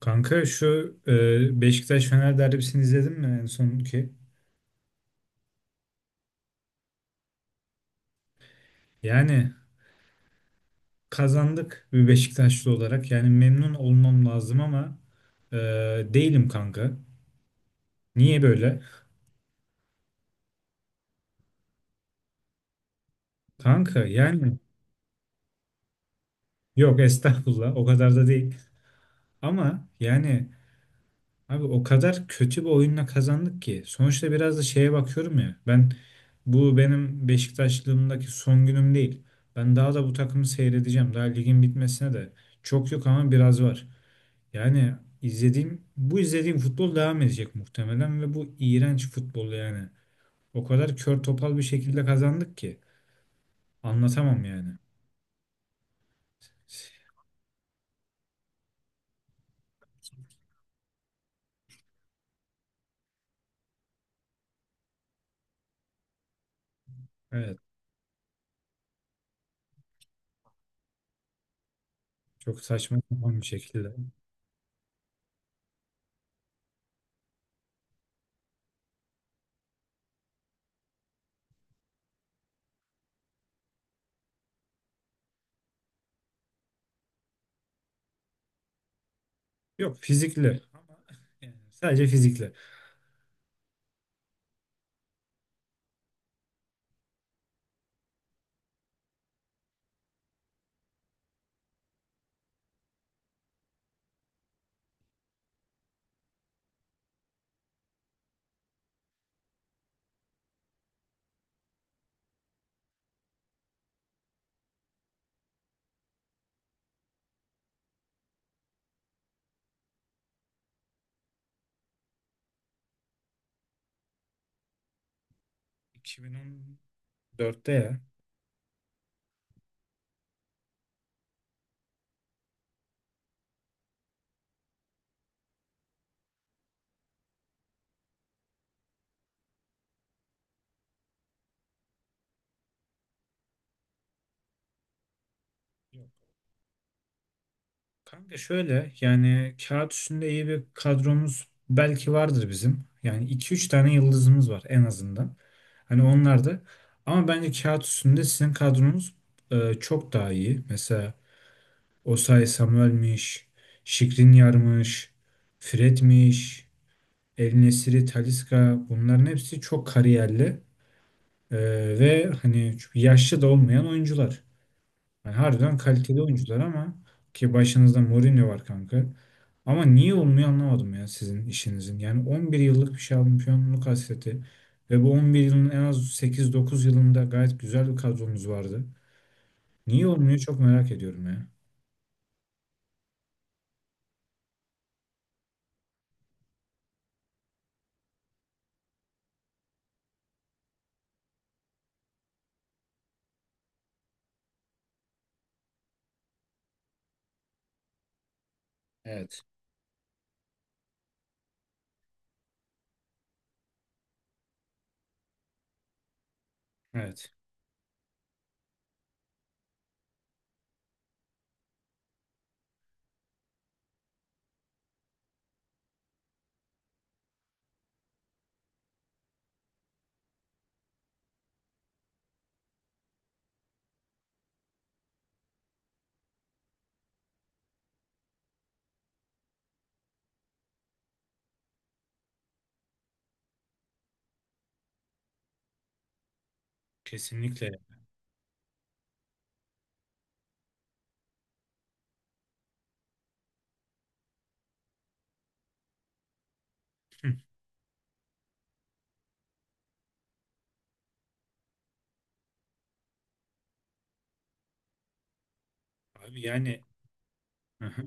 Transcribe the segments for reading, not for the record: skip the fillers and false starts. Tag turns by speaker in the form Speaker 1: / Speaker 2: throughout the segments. Speaker 1: Kanka şu Beşiktaş-Fener derbisini izledin mi en sonki? Yani kazandık bir Beşiktaşlı olarak. Yani memnun olmam lazım ama e, değilim kanka. Niye böyle? Kanka yani yok estağfurullah o kadar da değil. Ama yani abi o kadar kötü bir oyunla kazandık ki. Sonuçta biraz da şeye bakıyorum ya. Ben bu benim Beşiktaşlığımdaki son günüm değil. Ben daha da bu takımı seyredeceğim. Daha ligin bitmesine de çok yok ama biraz var. Yani izlediğim futbol devam edecek muhtemelen ve bu iğrenç futbol yani. O kadar kör topal bir şekilde kazandık ki anlatamam yani. Evet, çok saçma sapan bir şekilde. Yok fizikli ama yani sadece fizikli. 2014'te ya. Kanka şöyle yani kağıt üstünde iyi bir kadromuz belki vardır bizim. Yani iki üç tane yıldızımız var en azından. Hani onlar da ama bence kağıt üstünde sizin kadronuz çok daha iyi. Mesela Osay Samuel'miş, Skriniar'mış, Fred'miş, El Nesiri, Talisca bunların hepsi çok kariyerli e, ve hani yaşlı da olmayan oyuncular. Yani harbiden kaliteli oyuncular ama ki başınızda Mourinho var kanka. Ama niye olmuyor anlamadım ya sizin işinizin. Yani 11 yıllık bir şampiyonluk hasreti ve bu 11 yılın en az 8-9 yılında gayet güzel bir kadronuz vardı. Niye olmuyor çok merak ediyorum ya. Evet. Evet, kesinlikle. Hı. Abi yani, hı hı.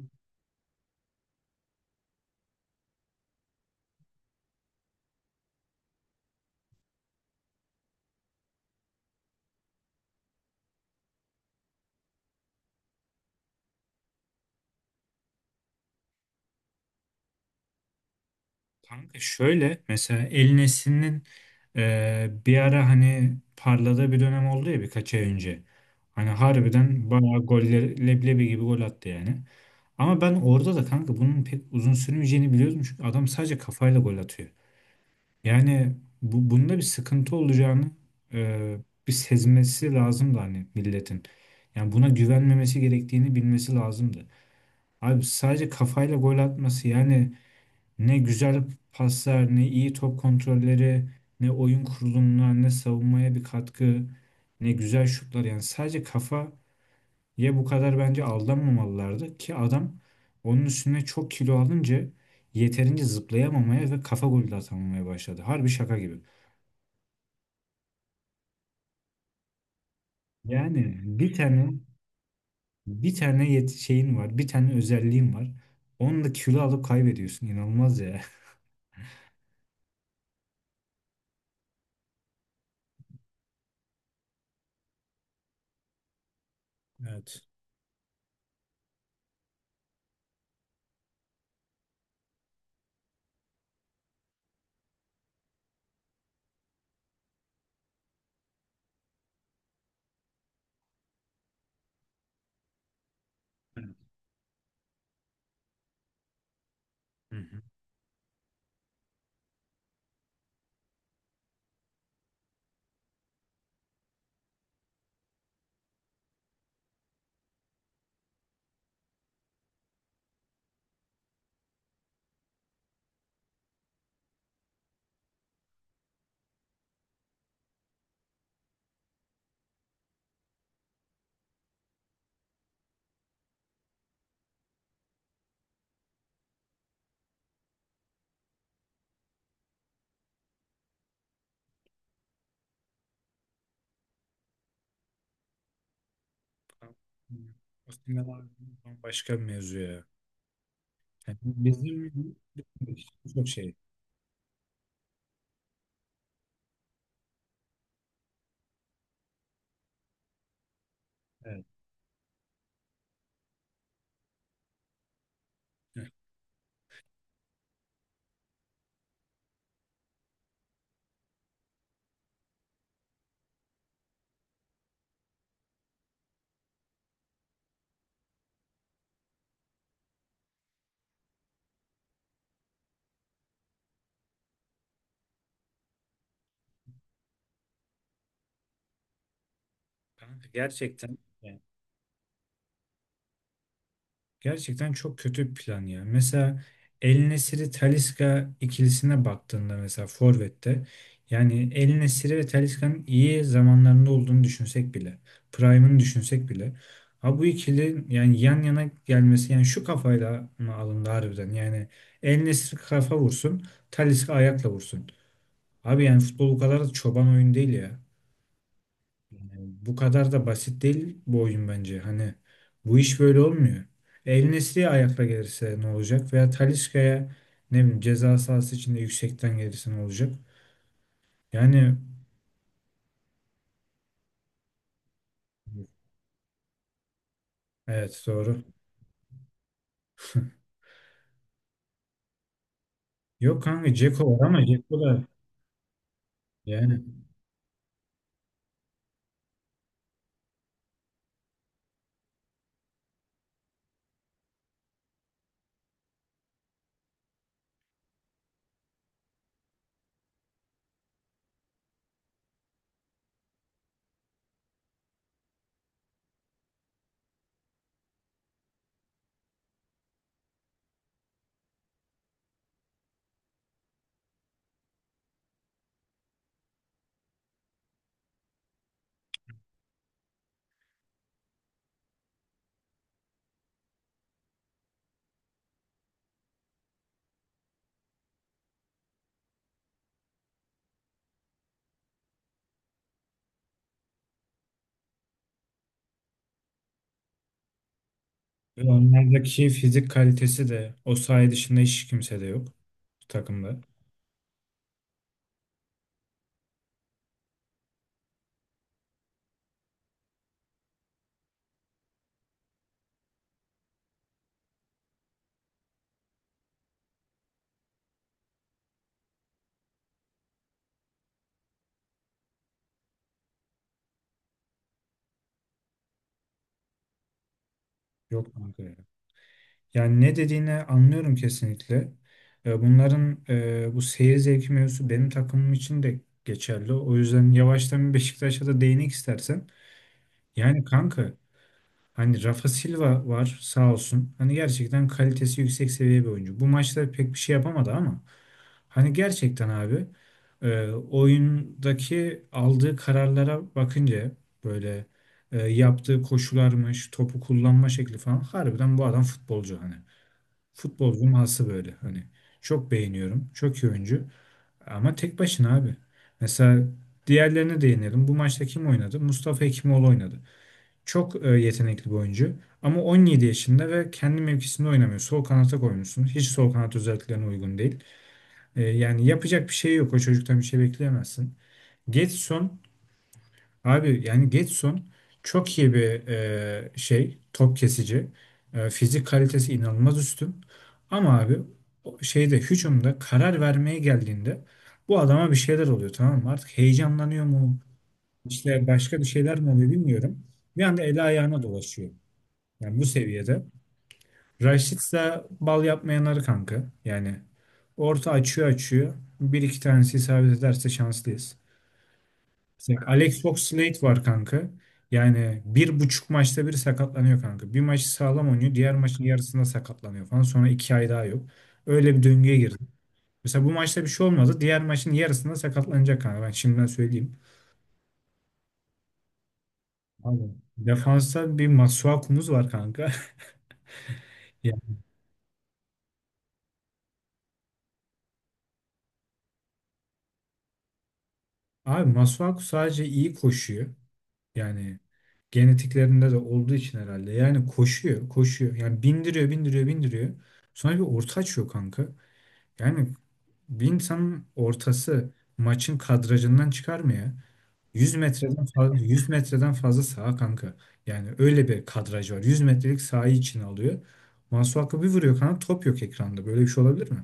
Speaker 1: Kanka şöyle mesela El Nesli'nin bir ara hani parladığı bir dönem oldu ya birkaç ay önce. Hani harbiden bayağı goller leblebi gibi gol attı yani. Ama ben orada da kanka bunun pek uzun sürmeyeceğini biliyordum. Çünkü adam sadece kafayla gol atıyor. Yani bunda bir sıkıntı olacağını e, bir sezmesi lazımdı hani milletin. Yani buna güvenmemesi gerektiğini bilmesi lazımdı. Abi sadece kafayla gol atması yani ne güzel paslar, ne iyi top kontrolleri, ne oyun kurulumuna, ne savunmaya bir katkı, ne güzel şutlar. Yani sadece kafa ye bu kadar bence aldanmamalılardı ki adam onun üstüne çok kilo alınca yeterince zıplayamamaya ve kafa golü de atamamaya başladı. Harbi şaka gibi. Yani bir tane şeyin var, bir tane özelliğin var. Onu da kilo alıp kaybediyorsun. İnanılmaz ya. Evet. Hı hı. Aslında başka bir mevzu ya. Yani bizim çok şey. Evet. Kanka gerçekten çok kötü bir plan ya. Mesela El Nesiri Talisca ikilisine baktığında mesela Forvet'te yani El Nesiri ve Talisca'nın iyi zamanlarında olduğunu düşünsek bile, prime'ını düşünsek bile ha bu ikili yani yan yana gelmesi yani şu kafayla mı alındı harbiden? Yani El Nesiri kafa vursun, Talisca ayakla vursun. Abi yani futbol bu kadar da çoban oyun değil ya. Yani bu kadar da basit değil bu oyun bence. Hani bu iş böyle olmuyor. El Nesri'ye ayakla gelirse ne olacak? Veya Talisca'ya ne bileyim ceza sahası içinde yüksekten gelirse ne olacak? Yani, evet, doğru. Yok kanka, Dzeko var ama Dzeko da yani onlardaki fizik kalitesi de o, saha dışında hiç kimse de yok bu takımda. Yok kanka. Yani ne dediğini anlıyorum kesinlikle. Bunların bu seyir zevki mevzusu benim takımım için de geçerli. O yüzden yavaştan bir Beşiktaş'a da değinek istersen. Yani kanka hani Rafa Silva var sağ olsun. Hani gerçekten kalitesi yüksek seviye bir oyuncu. Bu maçta pek bir şey yapamadı ama hani gerçekten abi oyundaki aldığı kararlara bakınca böyle yaptığı koşularmış, topu kullanma şekli falan harbiden bu adam futbolcu hani. Futbol cuması böyle hani çok beğeniyorum. Çok iyi oyuncu ama tek başına abi. Mesela diğerlerine değinelim. Bu maçta kim oynadı? Mustafa Hekimoğlu oynadı. Çok yetenekli bir oyuncu ama 17 yaşında ve kendi mevkisinde oynamıyor. Sol kanata koymuşsun. Hiç sol kanat özelliklerine uygun değil. Yani yapacak bir şey yok. O çocuktan bir şey bekleyemezsin. Getson Abi yani Getson çok iyi bir şey, top kesici. Fizik kalitesi inanılmaz üstün. Ama abi o şeyde, hücumda karar vermeye geldiğinde bu adama bir şeyler oluyor, tamam mı? Artık heyecanlanıyor mu? İşte başka bir şeyler mi oluyor bilmiyorum. Bir anda eli ayağına dolaşıyor. Yani bu seviyede. Raşit ise bal yapmayanları kanka. Yani orta açıyor, açıyor. Bir iki tanesi isabet ederse şanslıyız. Mesela Alex Oxlade var kanka. Yani bir buçuk maçta biri sakatlanıyor kanka. Bir maçı sağlam oynuyor. Diğer maçın yarısında sakatlanıyor falan. Sonra 2 ay daha yok. Öyle bir döngüye girdi. Mesela bu maçta bir şey olmadı. Diğer maçın yarısında sakatlanacak kanka. Ben şimdiden söyleyeyim. Abi, defansta bir Masuaku'muz var kanka. Ya, abi Masuaku sadece iyi koşuyor. Yani genetiklerinde de olduğu için herhalde. Yani koşuyor, koşuyor. Yani bindiriyor, bindiriyor, bindiriyor. Sonra bir orta açıyor kanka. Yani bir insanın ortası maçın kadrajından çıkar mı ya? 100 metreden fazla, 100 metreden fazla saha kanka. Yani öyle bir kadraj var. 100 metrelik sahayı içine alıyor. Masuaku bir vuruyor kanka, top yok ekranda. Böyle bir şey olabilir mi?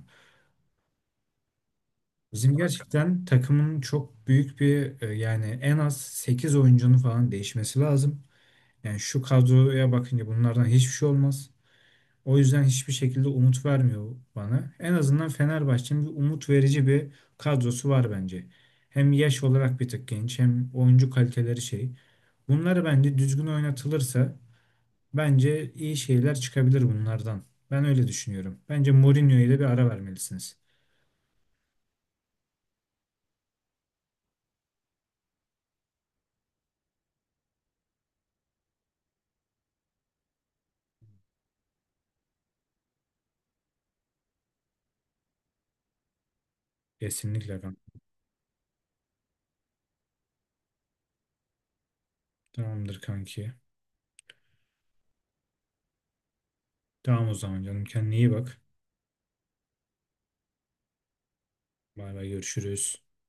Speaker 1: Bizim gerçekten takımın çok büyük bir, yani en az 8 oyuncunun falan değişmesi lazım. Yani şu kadroya bakınca bunlardan hiçbir şey olmaz. O yüzden hiçbir şekilde umut vermiyor bana. En azından Fenerbahçe'nin bir umut verici bir kadrosu var bence. Hem yaş olarak bir tık genç hem oyuncu kaliteleri şey. Bunları bence düzgün oynatılırsa bence iyi şeyler çıkabilir bunlardan. Ben öyle düşünüyorum. Bence Mourinho'ya da bir ara vermelisiniz. Kesinlikle kanka. Tamamdır kanki. Tamam o zaman canım, kendine iyi bak. Bay bay, görüşürüz.